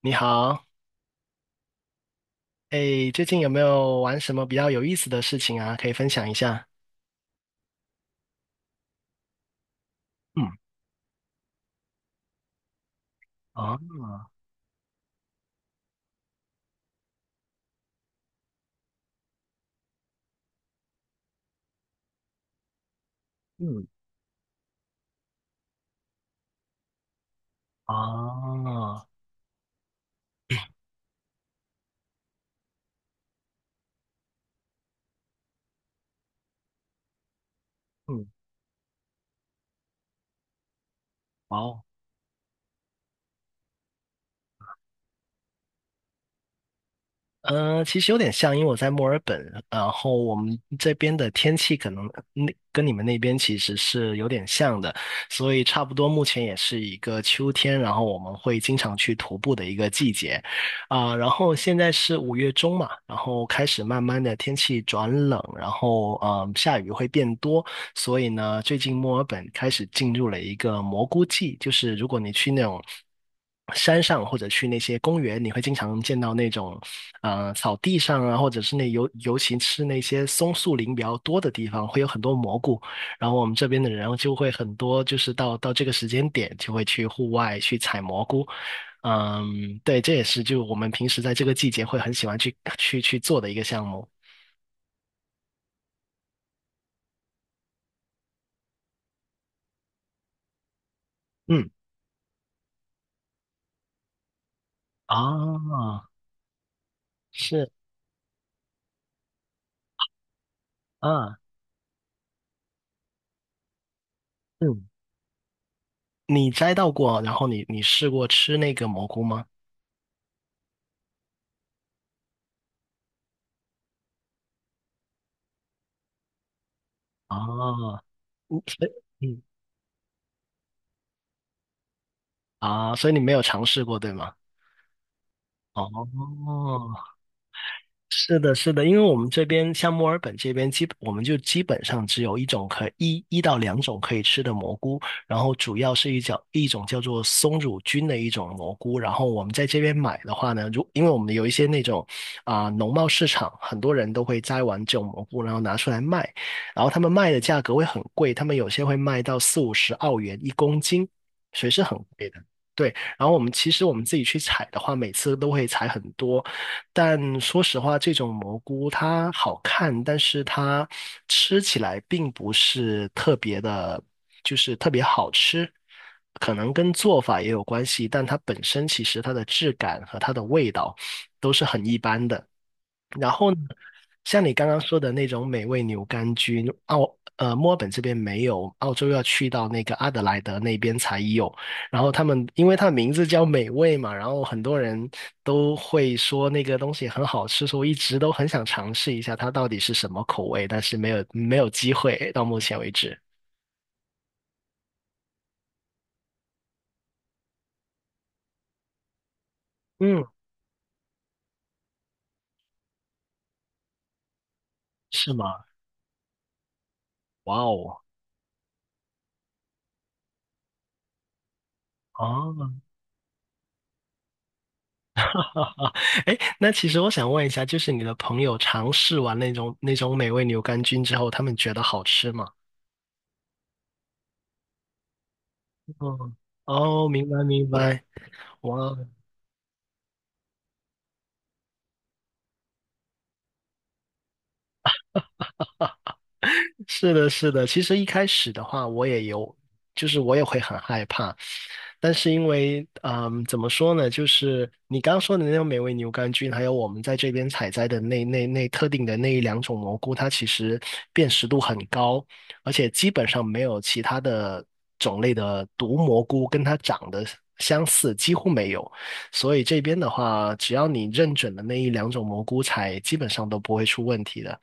你好。哎，最近有没有玩什么比较有意思的事情啊？可以分享一下。嗯。哦。嗯。哦。嗯。哦。其实有点像，因为我在墨尔本，然后我们这边的天气可能那跟你们那边其实是有点像的，所以差不多目前也是一个秋天，然后我们会经常去徒步的一个季节。啊、然后现在是五月中嘛，然后开始慢慢的天气转冷，然后下雨会变多。所以呢，最近墨尔本开始进入了一个蘑菇季，就是如果你去那种山上或者去那些公园，你会经常见到那种草地上啊，或者是那尤其是那些松树林比较多的地方，会有很多蘑菇。然后我们这边的人就会很多，就是到这个时间点就会去户外去采蘑菇。嗯，对，这也是就我们平时在这个季节会很喜欢去做的一个项目。嗯，啊，是啊，嗯。你摘到过，然后你试过吃那个蘑菇吗？哦。嗯所以。嗯。啊，所以你没有尝试过，对吗？哦，是的，是的，因为我们这边像墨尔本这边，基本我们就基本上只有一种可一一到两种可以吃的蘑菇，然后主要是一种叫做松乳菌的一种蘑菇，然后我们在这边买的话呢，因为我们有一些那种农贸市场，很多人都会摘完这种蘑菇，然后拿出来卖，然后他们卖的价格会很贵，他们有些会卖到四五十澳元一公斤，所以是很贵的。对，我们自己去采的话，每次都会采很多，但说实话，这种蘑菇它好看，但是它吃起来并不是特别的，就是特别好吃。可能跟做法也有关系，但它本身其实它的质感和它的味道都是很一般的。然后呢，像你刚刚说的那种美味牛肝菌，墨尔本这边没有，澳洲要去到那个阿德莱德那边才有。然后他们，因为它的名字叫美味嘛，然后很多人都会说那个东西很好吃，所以我一直都很想尝试一下它到底是什么口味，但是没有机会，到目前为止。嗯，是吗？哇哦。哦。哎，那其实我想问一下，就是你的朋友尝试完那种美味牛肝菌之后，他们觉得好吃吗？嗯。哦，明白明白。哇。是的，是的。其实一开始的话，我也有，就是我也会很害怕，但是因为，嗯，怎么说呢？就是你刚说的那种美味牛肝菌，还有我们在这边采摘的那特定的那一两种蘑菇，它其实辨识度很高，而且基本上没有其他的种类的毒蘑菇跟它长得相似，几乎没有。所以这边的话，只要你认准了那一两种蘑菇采，基本上都不会出问题的。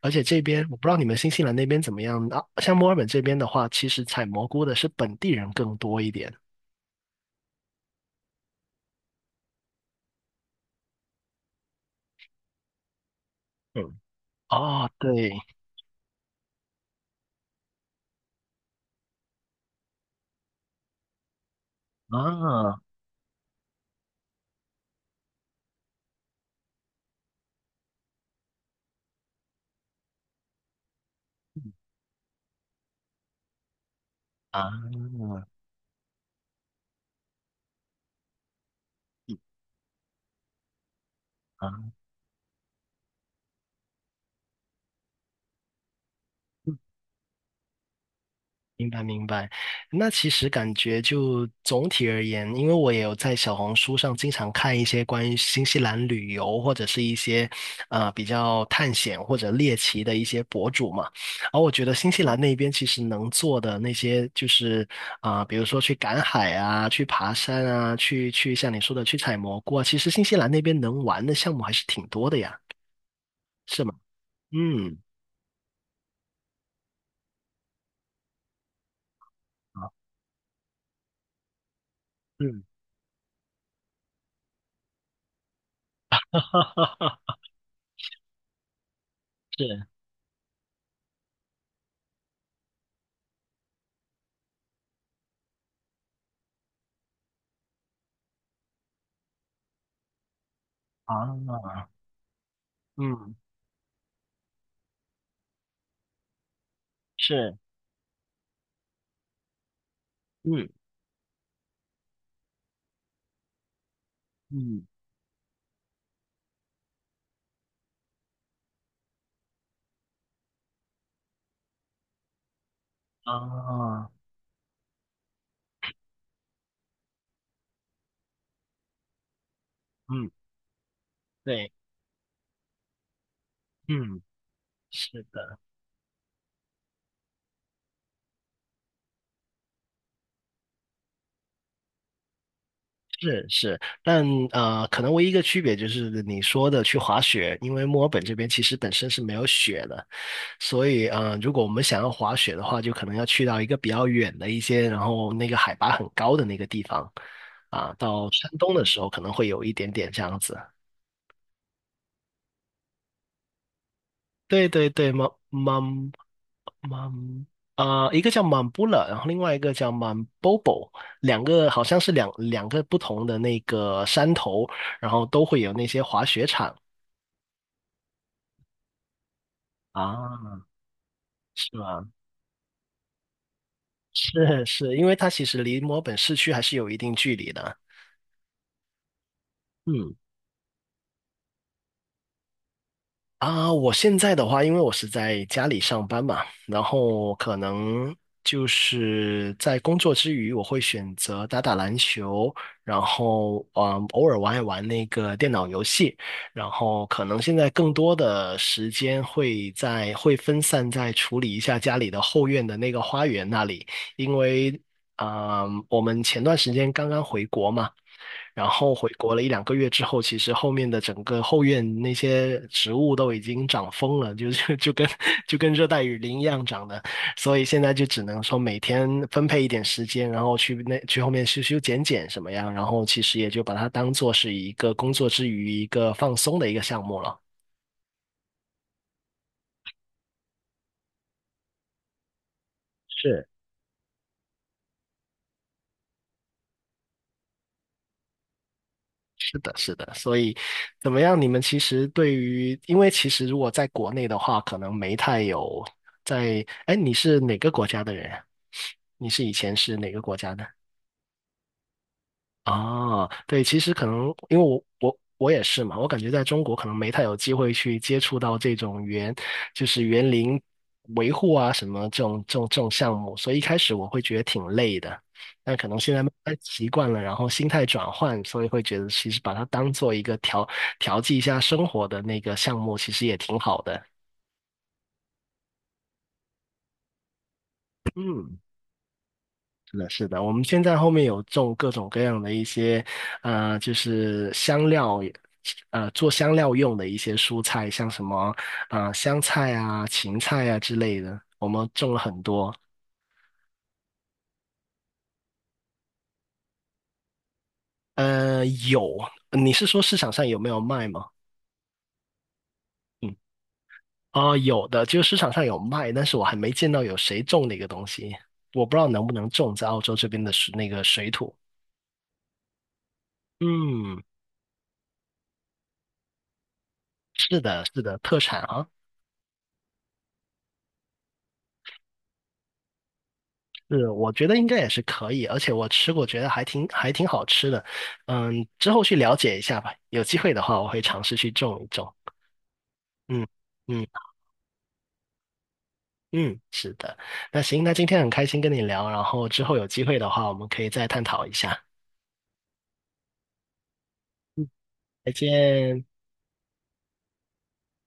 而且这边我不知道你们新西兰那边怎么样啊？像墨尔本这边的话，其实采蘑菇的是本地人更多一点。嗯。哦，对。啊。啊。啊！明白明白。那其实感觉就总体而言，因为我也有在小红书上经常看一些关于新西兰旅游或者是一些比较探险或者猎奇的一些博主嘛，而我觉得新西兰那边其实能做的那些就是啊、比如说去赶海啊，去爬山啊，去像你说的去采蘑菇啊，其实新西兰那边能玩的项目还是挺多的呀，是吗？嗯。啊嗯。是啊。嗯。是。嗯。嗯。啊。嗯。对。嗯。是的。是是，但可能唯一一个区别就是你说的去滑雪，因为墨尔本这边其实本身是没有雪的，所以如果我们想要滑雪的话，就可能要去到一个比较远的一些，然后那个海拔很高的那个地方啊，到山东的时候可能会有一点点这样子。对对对，满满满啊，一个叫满布勒，然后另外一个叫满 Bobo，两个好像是两个不同的那个山头，然后都会有那些滑雪场啊，是吗？是是，因为它其实离墨尔本市区还是有一定距离的。嗯。啊，我现在的话，因为我是在家里上班嘛，然后可能就是在工作之余，我会选择打打篮球，然后嗯，偶尔玩一玩那个电脑游戏，然后可能现在更多的时间会会分散在处理一下家里的后院的那个花园那里，因为。嗯，我们前段时间刚刚回国嘛，然后回国了一两个月之后，其实后面的整个后院那些植物都已经长疯了，就是就跟 就跟热带雨林一样长的，所以现在就只能说每天分配一点时间，然后去后面修修剪剪什么样，然后其实也就把它当做是一个工作之余一个放松的一个项目了。是。是的，是的，所以怎么样？你们其实对于，因为其实如果在国内的话，可能没太有在。哎，你是哪个国家的人啊？你是以前是哪个国家的？哦，对，其实可能因为我也是嘛，我感觉在中国可能没太有机会去接触到这种园，就是园林维护啊什么这种项目，所以一开始我会觉得挺累的，但可能现在慢慢习惯了，然后心态转换，所以会觉得其实把它当做一个调剂一下生活的那个项目，其实也挺好的。嗯，是的，是的，我们现在后面有种各种各样的一些，呃，就是香料也做香料用的一些蔬菜，像什么，啊，香菜啊、芹菜啊之类的，我们种了很多。有，你是说市场上有没有卖吗？嗯，哦，有的，就是市场上有卖，但是我还没见到有谁种那个东西，我不知道能不能种在澳洲这边的那个水土。嗯，是的，是的，特产啊。是，我觉得应该也是可以，而且我吃过，觉得还挺好吃的。嗯，之后去了解一下吧，有机会的话，我会尝试去种一种。嗯。嗯。嗯，是的。那行，那今天很开心跟你聊，然后之后有机会的话，我们可以再探讨一下。再见。